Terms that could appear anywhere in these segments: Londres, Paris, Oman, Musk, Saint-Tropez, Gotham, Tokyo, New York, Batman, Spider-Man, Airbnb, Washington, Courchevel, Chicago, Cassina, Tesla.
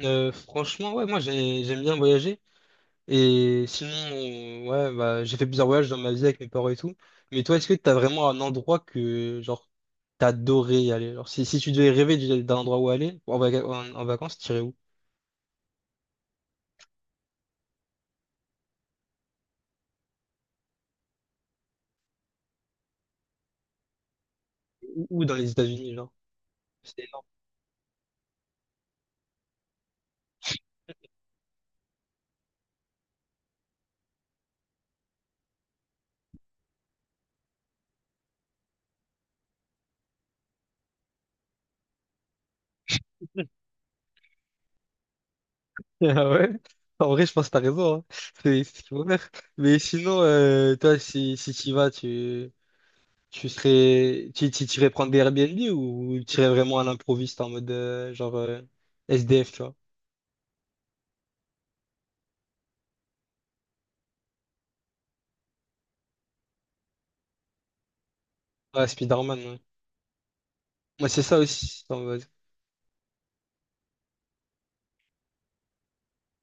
Franchement, ouais, j'aime bien voyager. Et sinon, ouais, bah, j'ai fait plusieurs voyages dans ma vie avec mes parents et tout. Mais toi, est-ce que t'as vraiment un endroit que, genre, t'adorais y aller? Genre, si tu devais rêver d'un endroit où aller, en vacances, t'irais où? Ou dans les États-Unis, genre. C'est énorme. Ah ouais? En vrai, je pense que t'as raison, hein. C'est ce qu'il faut faire. Mais sinon, toi, si t'y vas, tu serais, tu irais prendre des Airbnb ou tu irais vraiment à l'improviste en mode, genre, SDF, tu vois? Ouais, Spider-Man, ouais. Moi, c'est ça aussi, en mode,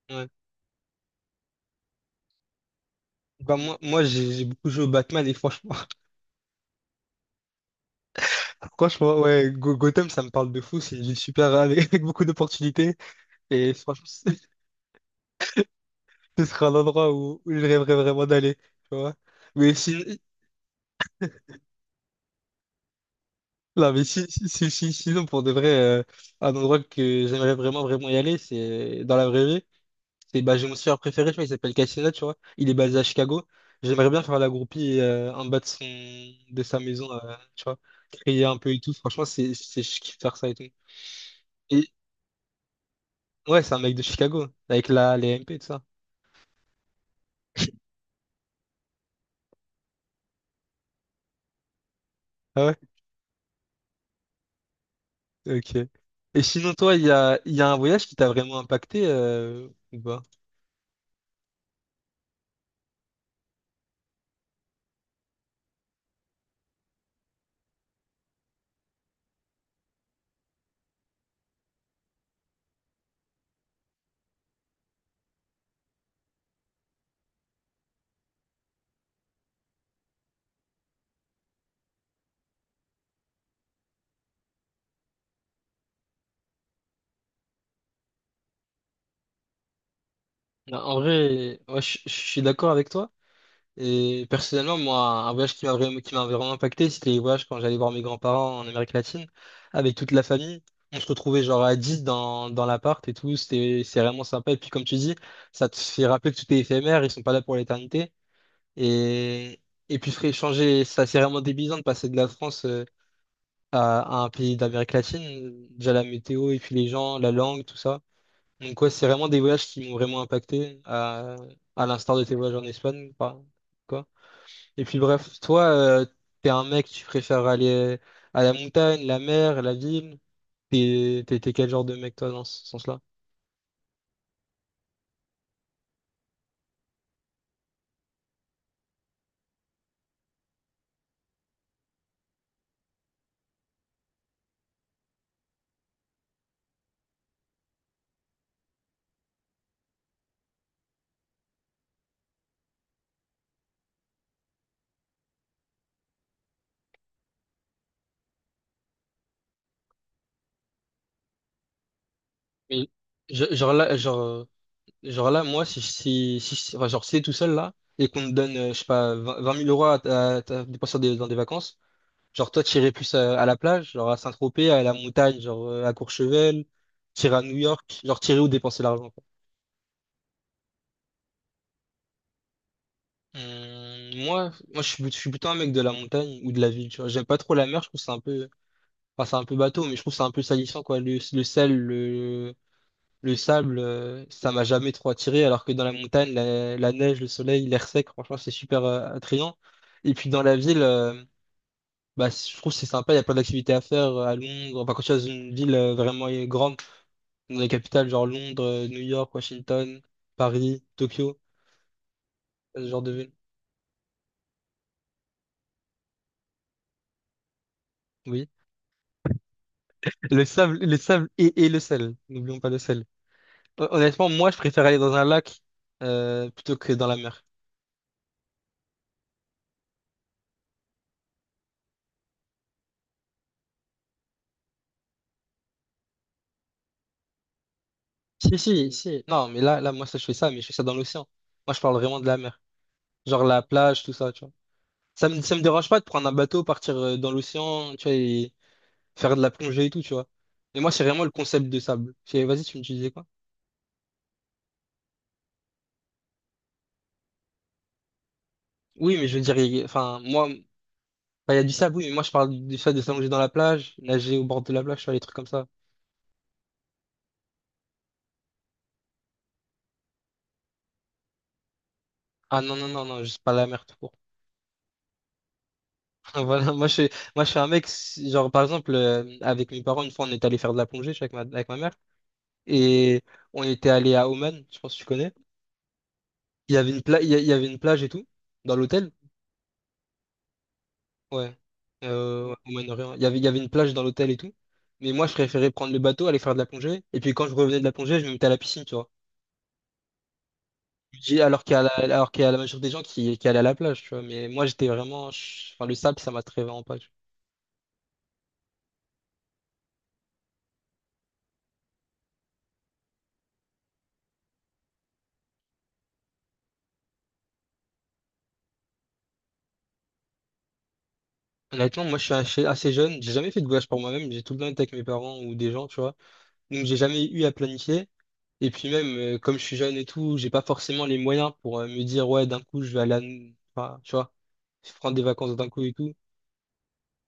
ouais. Bah, moi j'ai beaucoup joué au Batman et franchement, franchement, ouais, Gotham, ça me parle de fou. C'est une ville super avec, avec beaucoup d'opportunités. Et franchement, ce serait un endroit où je rêverais vraiment d'aller. Tu vois? Mais si, non, mais si, si, si- si- Sinon, pour de vrai, un endroit que j'aimerais vraiment y aller, c'est dans la vraie vie. C'est bah, j'ai mon surfeur préféré, tu vois, il s'appelle Cassina, tu vois. Il est basé à Chicago. J'aimerais bien faire la groupie en bas de son de sa maison, tu vois. Crier un peu et tout. Franchement, c'est je kiffe faire ça et tout. Et ouais, c'est un mec de Chicago, avec la les MP et tout ça. Ah ouais? Ok. Et sinon, toi, il y a un voyage qui t'a vraiment impacté ou pas? Non, en vrai, ouais, je suis d'accord avec toi. Et personnellement, moi, un voyage qui m'a vraiment impacté, c'était les voyages quand j'allais voir mes grands-parents en Amérique latine, avec toute la famille. On se retrouvait genre à 10 dans l'appart et tout, c'est vraiment sympa. Et puis comme tu dis, ça te fait rappeler que tout est éphémère, ils sont pas là pour l'éternité. Et, et puis frère, changer, ça c'est vraiment débilisant de passer de la France à un pays d'Amérique latine. Déjà la météo et puis les gens, la langue, tout ça. Donc ouais, c'est vraiment des voyages qui m'ont vraiment impacté, à l'instar de tes voyages en Espagne, quoi. Et puis bref, toi, t'es un mec, tu préfères aller à la montagne, la mer, la ville. T'es quel genre de mec, toi, dans ce sens-là? Mais je- genre là, genre, euh, genre là, moi, enfin, genre, si t'es tout seul là, et qu'on te donne, je sais pas, 20 20 000 euros à, à dépenser dans des vacances, genre, toi, t'irais plus à la plage, genre à Saint-Tropez, à la montagne, genre à Courchevel, t'irais à New York, genre, t'irais où dépenser l'argent, quoi. Je suis plutôt un mec de la montagne ou de la ville, tu vois. J'aime pas trop la mer, je trouve que c'est un peu. Enfin, c'est un peu bateau, mais je trouve que c'est un peu salissant, quoi. Le sel, le sable, ça m'a jamais trop attiré, alors que dans la montagne, la neige, le soleil, l'air sec, franchement, c'est super attrayant. Et puis dans la ville, bah, je trouve que c'est sympa, il y a plein d'activités à faire à Londres. Enfin, quand tu es dans une ville vraiment grande, dans les capitales, genre Londres, New York, Washington, Paris, Tokyo, ce genre de ville. Oui. Le sable et le sel. N'oublions pas le sel. Honnêtement, moi, je préfère aller dans un lac plutôt que dans la mer. Si. Non, mais là, moi, ça, je fais ça, mais je fais ça dans l'océan. Moi, je parle vraiment de la mer. Genre la plage, tout ça, tu vois. Ça me dérange pas de prendre un bateau, partir dans l'océan, tu vois, et faire de la plongée et tout, tu vois. Mais moi, c'est vraiment le concept de sable. Je fais, vas-y, tu disais quoi? Oui, mais je veux dire, il y a du sable, oui, mais moi, je parle du fait de s'allonger dans la plage, nager au bord de la plage, tu vois, les trucs comme ça. Ah non, non, non, non, juste pas la mer tout court. Voilà, moi, je suis un mec, si, genre, par exemple, avec mes parents, une fois, on est allé faire de la plongée, je suis avec avec ma mère. Et on était allé à Oman, je pense que tu connais. Il y avait une pla- il y a- il y avait une plage et tout, dans l'hôtel. Ouais. Ouais, Oman, Orient. Il y avait une plage dans l'hôtel et tout. Mais moi, je préférais prendre le bateau, aller faire de la plongée. Et puis quand je revenais de la plongée, je me mettais à la piscine, tu vois. Je Alors qu'il y a alors qu'il y a la majorité des gens qui allaient à la plage, tu vois. Mais moi, j'étais vraiment, enfin, le sable, ça m'attirait vraiment pas, tu vois. Honnêtement, moi, je suis assez jeune. J'ai jamais fait de voyage pour moi-même. J'ai tout le temps été avec mes parents ou des gens, tu vois. Donc, j'ai jamais eu à planifier. Et puis même, comme je suis jeune et tout, j'ai pas forcément les moyens pour me dire, ouais, d'un coup, je vais aller à... enfin, tu vois, je prends des vacances d'un coup et tout.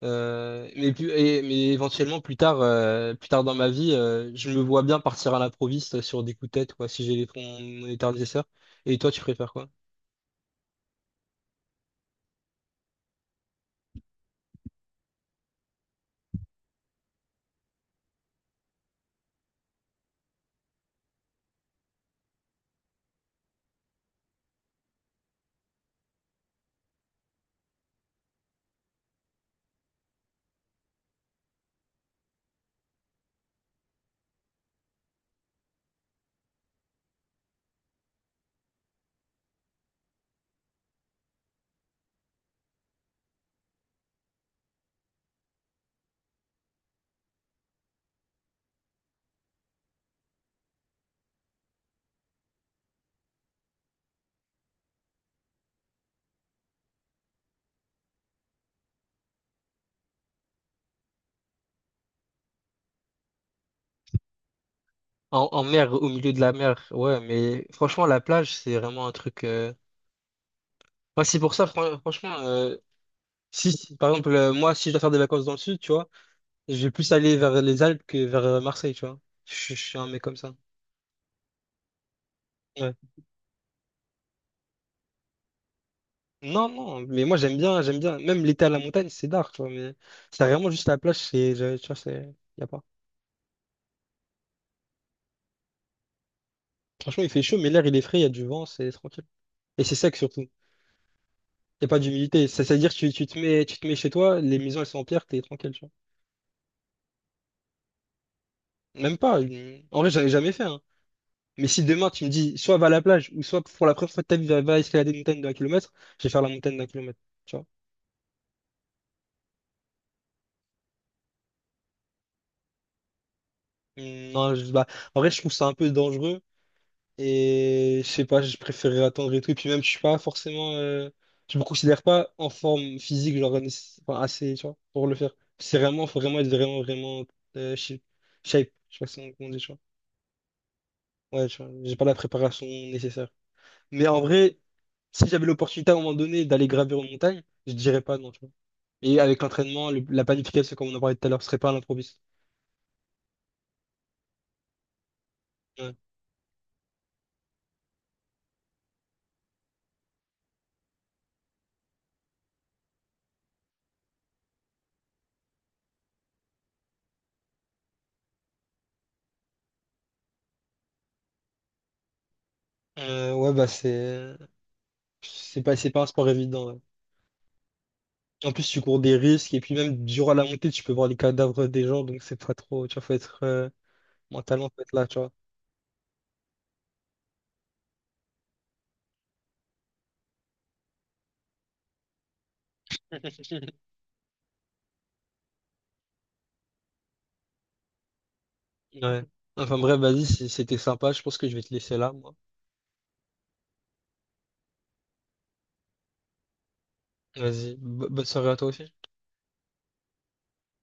Mais éventuellement, plus tard dans ma vie, je me vois bien partir à l'improviste sur des coups de tête, quoi, si j'ai les fonds mon état nécessaire. Et toi, tu préfères quoi? En mer, au milieu de la mer, ouais, mais franchement, la plage, c'est vraiment un truc. Moi, c'est pour ça, franchement, par exemple, moi, si je dois faire des vacances dans le sud, tu vois, je vais plus aller vers les Alpes que vers Marseille, tu vois. Je suis un mec comme ça. Ouais. Non, non, mais moi, j'aime bien. Même l'été à la montagne, c'est dark, tu vois, mais c'est vraiment juste la plage, tu vois, c'est, y a pas. Franchement, il fait chaud, mais l'air, il est frais, il y a du vent, c'est tranquille. Et c'est sec surtout. Y a pas d'humidité. Ça, c'est-à-dire, tu te mets chez toi, les maisons, elles sont en pierre, t'es tranquille, tu vois. Même pas. En vrai, j'en ai jamais fait, hein. Mais si demain tu me dis soit va à la plage ou soit pour la première fois de ta vie va escalader une montagne d'un kilomètre, je vais faire la montagne d'un kilomètre. Tu vois? Non, bah, en vrai, je trouve ça un peu dangereux et je sais pas, je préférerais attendre et tout. Et puis même, je suis pas forcément, je me considère pas en forme physique, genre enfin, assez, tu vois, pour le faire. C'est vraiment, faut vraiment être vraiment shape. Shape. Je sais pas si on comment on dit, tu vois. Ouais, tu vois, j'ai pas la préparation nécessaire. Mais en vrai. Si j'avais l'opportunité à un moment donné d'aller gravir une montagne, je dirais pas non, tu vois. Et avec l'entraînement, la planification, comme on en parlait tout à l'heure, ce serait pas à l'improviste. Ouais. Ouais, bah c'est pas un sport évident, ouais. En plus, tu cours des risques, et puis même durant la montée, tu peux voir les cadavres des gens, donc c'est pas trop, tu vois, faut être mentalement, faut être là, tu vois. Ouais. Enfin bref, vas-y, c'était sympa, je pense que je vais te laisser là, moi. Vas-y, bonne soirée à toi aussi.